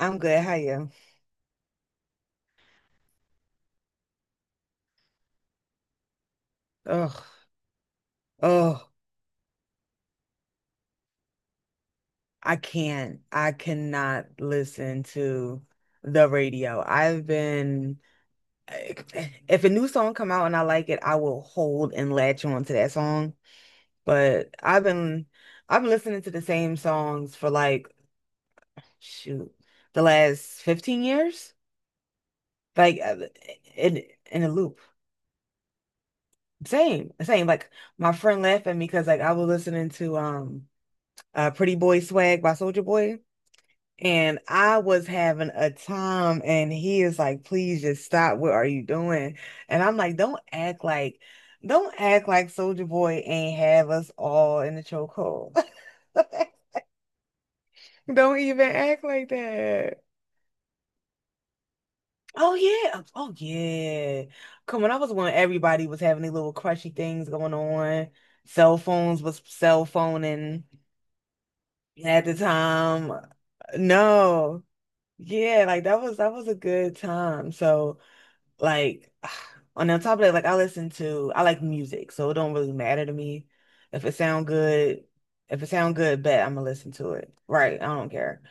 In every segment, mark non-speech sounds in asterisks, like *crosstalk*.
I'm good. How you? Oh, oh, I can't. I cannot listen to the radio. If a new song come out and I like it, I will hold and latch on to that song. But I've been listening to the same songs for like, shoot, the last 15 years, like in in a loop. Same, same. Like my friend laughed at me because like I was listening to Pretty Boy Swag by Soldier Boy. And I was having a time, and he is like, please just stop. What are you doing? And I'm like, don't act like Soldier Boy ain't have us all in the chokehold. *laughs* Don't even act like that. Oh yeah. Oh yeah. Come on, I was when everybody was having these little crushy things going on. Cell phones was cell phoning at the time. No. Yeah, like that was a good time. So like, *sighs* on the top of that, like I listen to, I like music, so it don't really matter to me if it sound good. If it sound good, bet I'm gonna listen to it. Right? I don't care.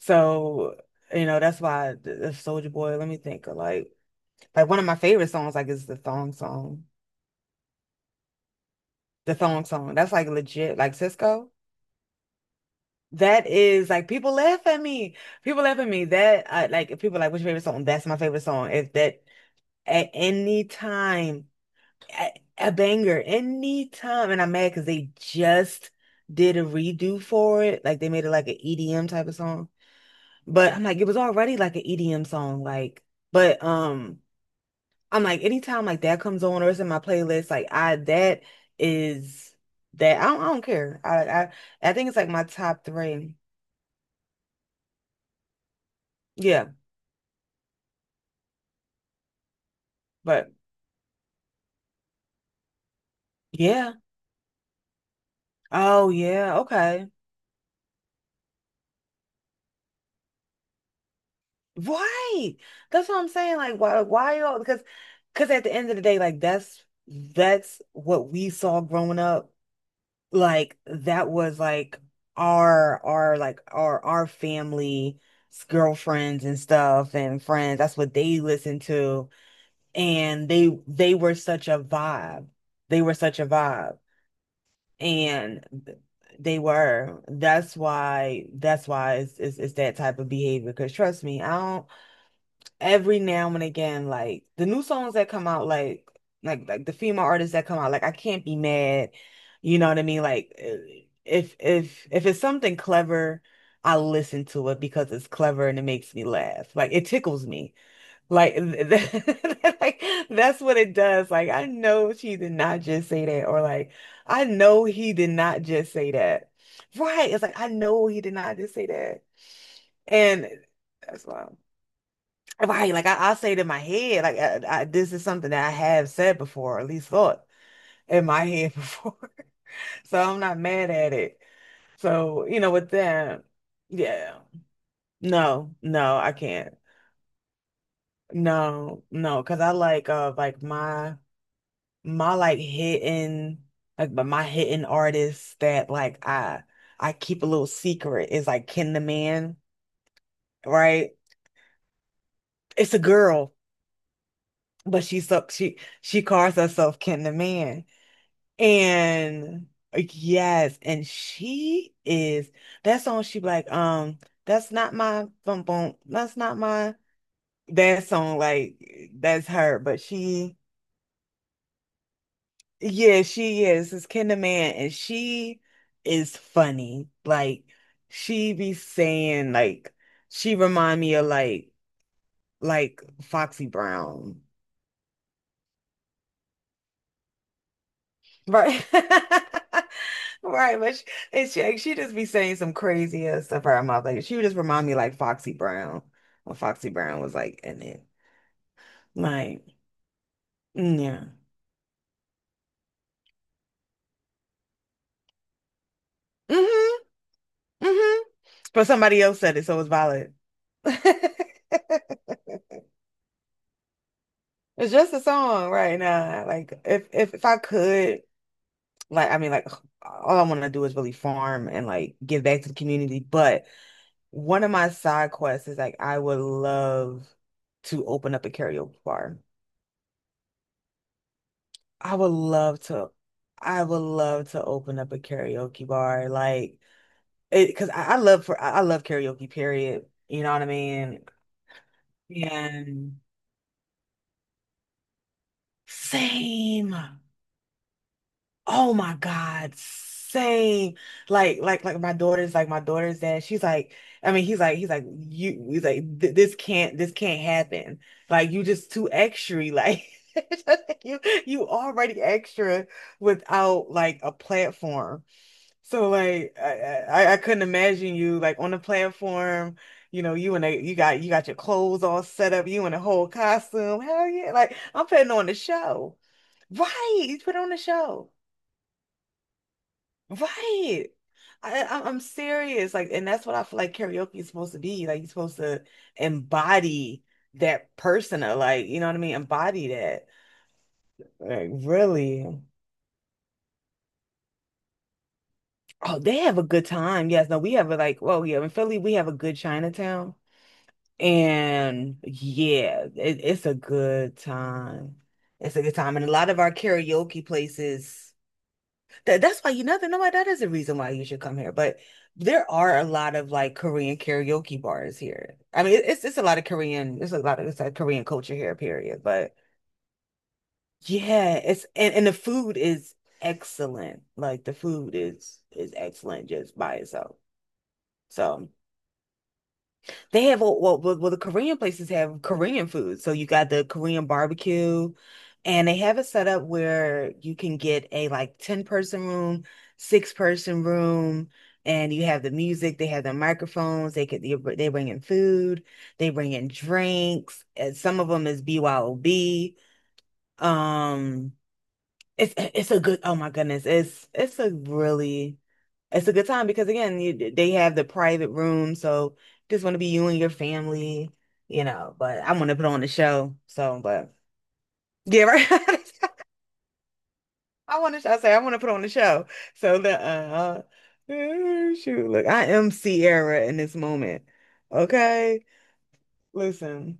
So, you know, that's why Soldier Boy. Let me think. Of, like one of my favorite songs, like, is the thong song. The thong song. That's like legit. Like Cisco. That is like people laugh at me. People laugh at me. That I like. If people like, what's your favorite song? That's my favorite song. If that at any time. A, a banger anytime. And I'm mad because they just did a redo for it. Like they made it like an EDM type of song. But I'm like, it was already like an EDM song. Like, but I'm like, anytime like that comes on or it's in my playlist, like I that is that I don't care. I I think it's like my top 3. Yeah, but yeah. Oh yeah, okay. Right. That's what I'm saying. Like, why y'all? Because at the end of the day, like that's what we saw growing up. Like that was like our like our family girlfriends and stuff and friends. That's what they listened to, and they were such a vibe. They were such a vibe, and they were. That's why. That's why it's that type of behavior. Because trust me, I don't every now and again, like the new songs that come out, like like the female artists that come out, like I can't be mad. You know what I mean? Like if if it's something clever, I listen to it because it's clever and it makes me laugh. Like it tickles me. Like, *laughs* like that's what it does. Like I know she did not just say that, or like I know he did not just say that. Right? It's like I know he did not just say that, and that's why. Right, like I say it in my head, like this is something that I have said before, or at least thought in my head *laughs* before. So I'm not mad at it. So, you know, with that, yeah. No, no, I can't. No, no, because I like my like hidden like but my hidden artists that like I keep a little secret is like Ken the Man, right? It's a girl, but she so she calls herself Ken the Man. And yes, and she is that song she be like, that's not my bum bum, that's not my that song, like that's her, but she yeah, she is this Kinderman and she is funny. Like she be saying like she remind me of like Foxy Brown. Right. *laughs* Right, but she, and she, like, she just be saying some crazy ass stuff out her mouth. Like she would just remind me like Foxy Brown when Foxy Brown was like in it. Like, yeah. Mm-hmm. Mm-hmm. But somebody else said it, so it's valid. *laughs* It's just a song right now. Like if I could, like I mean, like all I want to do is really farm and like give back to the community. But one of my side quests is like I would love to open up a karaoke bar. I would love to, I would love to open up a karaoke bar, like it, because I love for I love karaoke, period. You know what I mean? And same. Oh my God, same. Like my daughter's dad. She's like, I mean, he's like, he's like, "Th- "this can't, this can't happen. Like, you just too extra. Like, *laughs* you, you already extra without like a platform." So like I couldn't imagine you like on the platform, you know, you and a you got your clothes all set up, you in a whole costume. Hell yeah, like I'm putting on the show. Right, you put on the show. Right. I'm serious. Like, and that's what I feel like karaoke is supposed to be. Like you're supposed to embody that persona, like, you know what I mean? Embody that. Like, really. Oh, they have a good time. Yes, no, we have a like, well, yeah, in Philly, we have a good Chinatown. And yeah, it's a good time. It's a good time. And a lot of our karaoke places, that's why you know, no, that is a reason why you should come here. But there are a lot of like Korean karaoke bars here. I mean, it's a lot of Korean, it's a lot of it's like Korean culture here, period. But yeah, and the food is excellent. Like the food is excellent just by itself. So they have all the Korean places have Korean food. So you got the Korean barbecue, and they have it set up where you can get a like 10-person room, 6 person room, and you have the music, they have the microphones, they bring in food, they bring in drinks. And some of them is BYOB. Um, it's a good, oh my goodness, it's a really it's a good time because again, you, they have the private room, so just want to be you and your family, you know. But I want to put on the show, so but yeah, right. *laughs* I want to. I say I want to put on the show. So the shoot, look, I am Sierra in this moment. Okay, listen,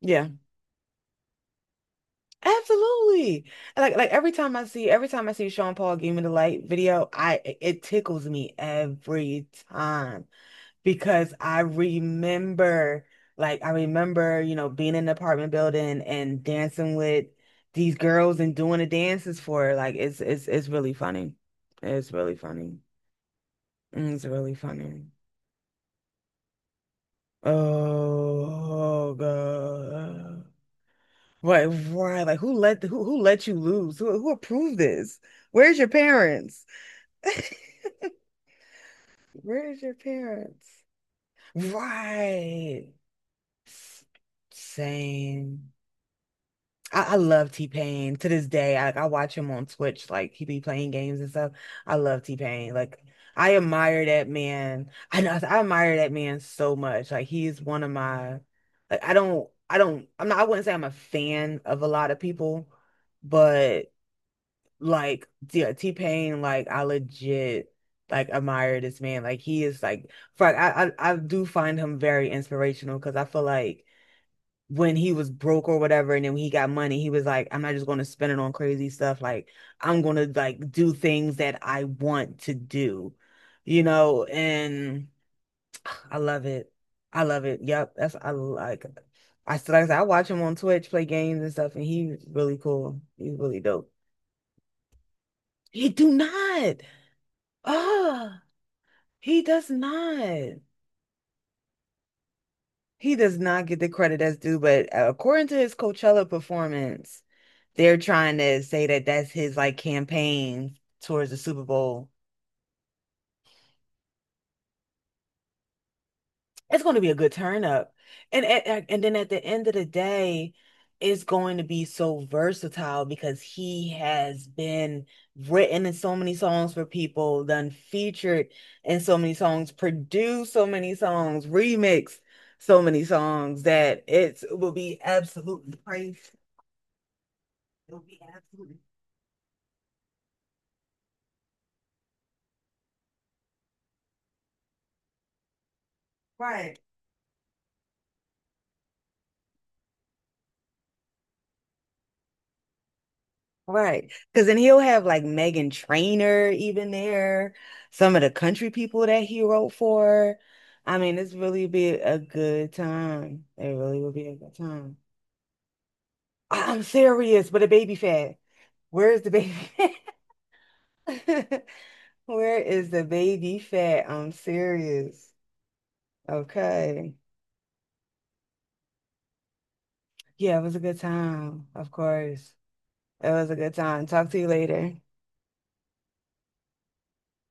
yeah, absolutely. Like every time I see Sean Paul Give Me the Light video, I it tickles me every time. Because I remember, like, I remember, you know, being in an apartment building and dancing with these girls and doing the dances for her. Like, it's really funny. It's really funny. It's really funny. Oh, God. Right, right. Like, who who let you lose? Who approved this? Where's your parents? *laughs* Where's your parents? Right. S- Same. I love T-Pain to this day. I watch him on Twitch, like he be playing games and stuff. I love T-Pain. Like I admire that man. *laughs* I know I admire that man so much. Like he is one of my like I'm not I wouldn't say I'm a fan of a lot of people, but like yeah, T-Pain, like I legit like admire this man. Like he is like for I do find him very inspirational because I feel like when he was broke or whatever, and then when he got money, he was like, I'm not just going to spend it on crazy stuff. Like, I'm going to like do things that I want to do, you know, and *sighs* I love it. I love it. Yep. That's, I like, I still, like I said, I watch him on Twitch play games and stuff, and he's really cool. He's really dope. He do not. Ah, he does not. He does not get the credit that's due, but according to his Coachella performance, they're trying to say that that's his like campaign towards the Super Bowl. It's going to be a good turn up. And then at the end of the day, it's going to be so versatile because he has been written in so many songs for people, done featured in so many songs, produced so many songs, remixed so many songs that it's, it will be absolutely crazy. It'll be absolutely right. Right. Because then he'll have like Megan Trainor even there, some of the country people that he wrote for. I mean, it's really be a good time. It really will be a good time. I'm serious, but a baby fat. Where is the baby fat? *laughs* Where is the baby fat? I'm serious. Okay. Yeah, it was a good time, of course. It was a good time. Talk to you later.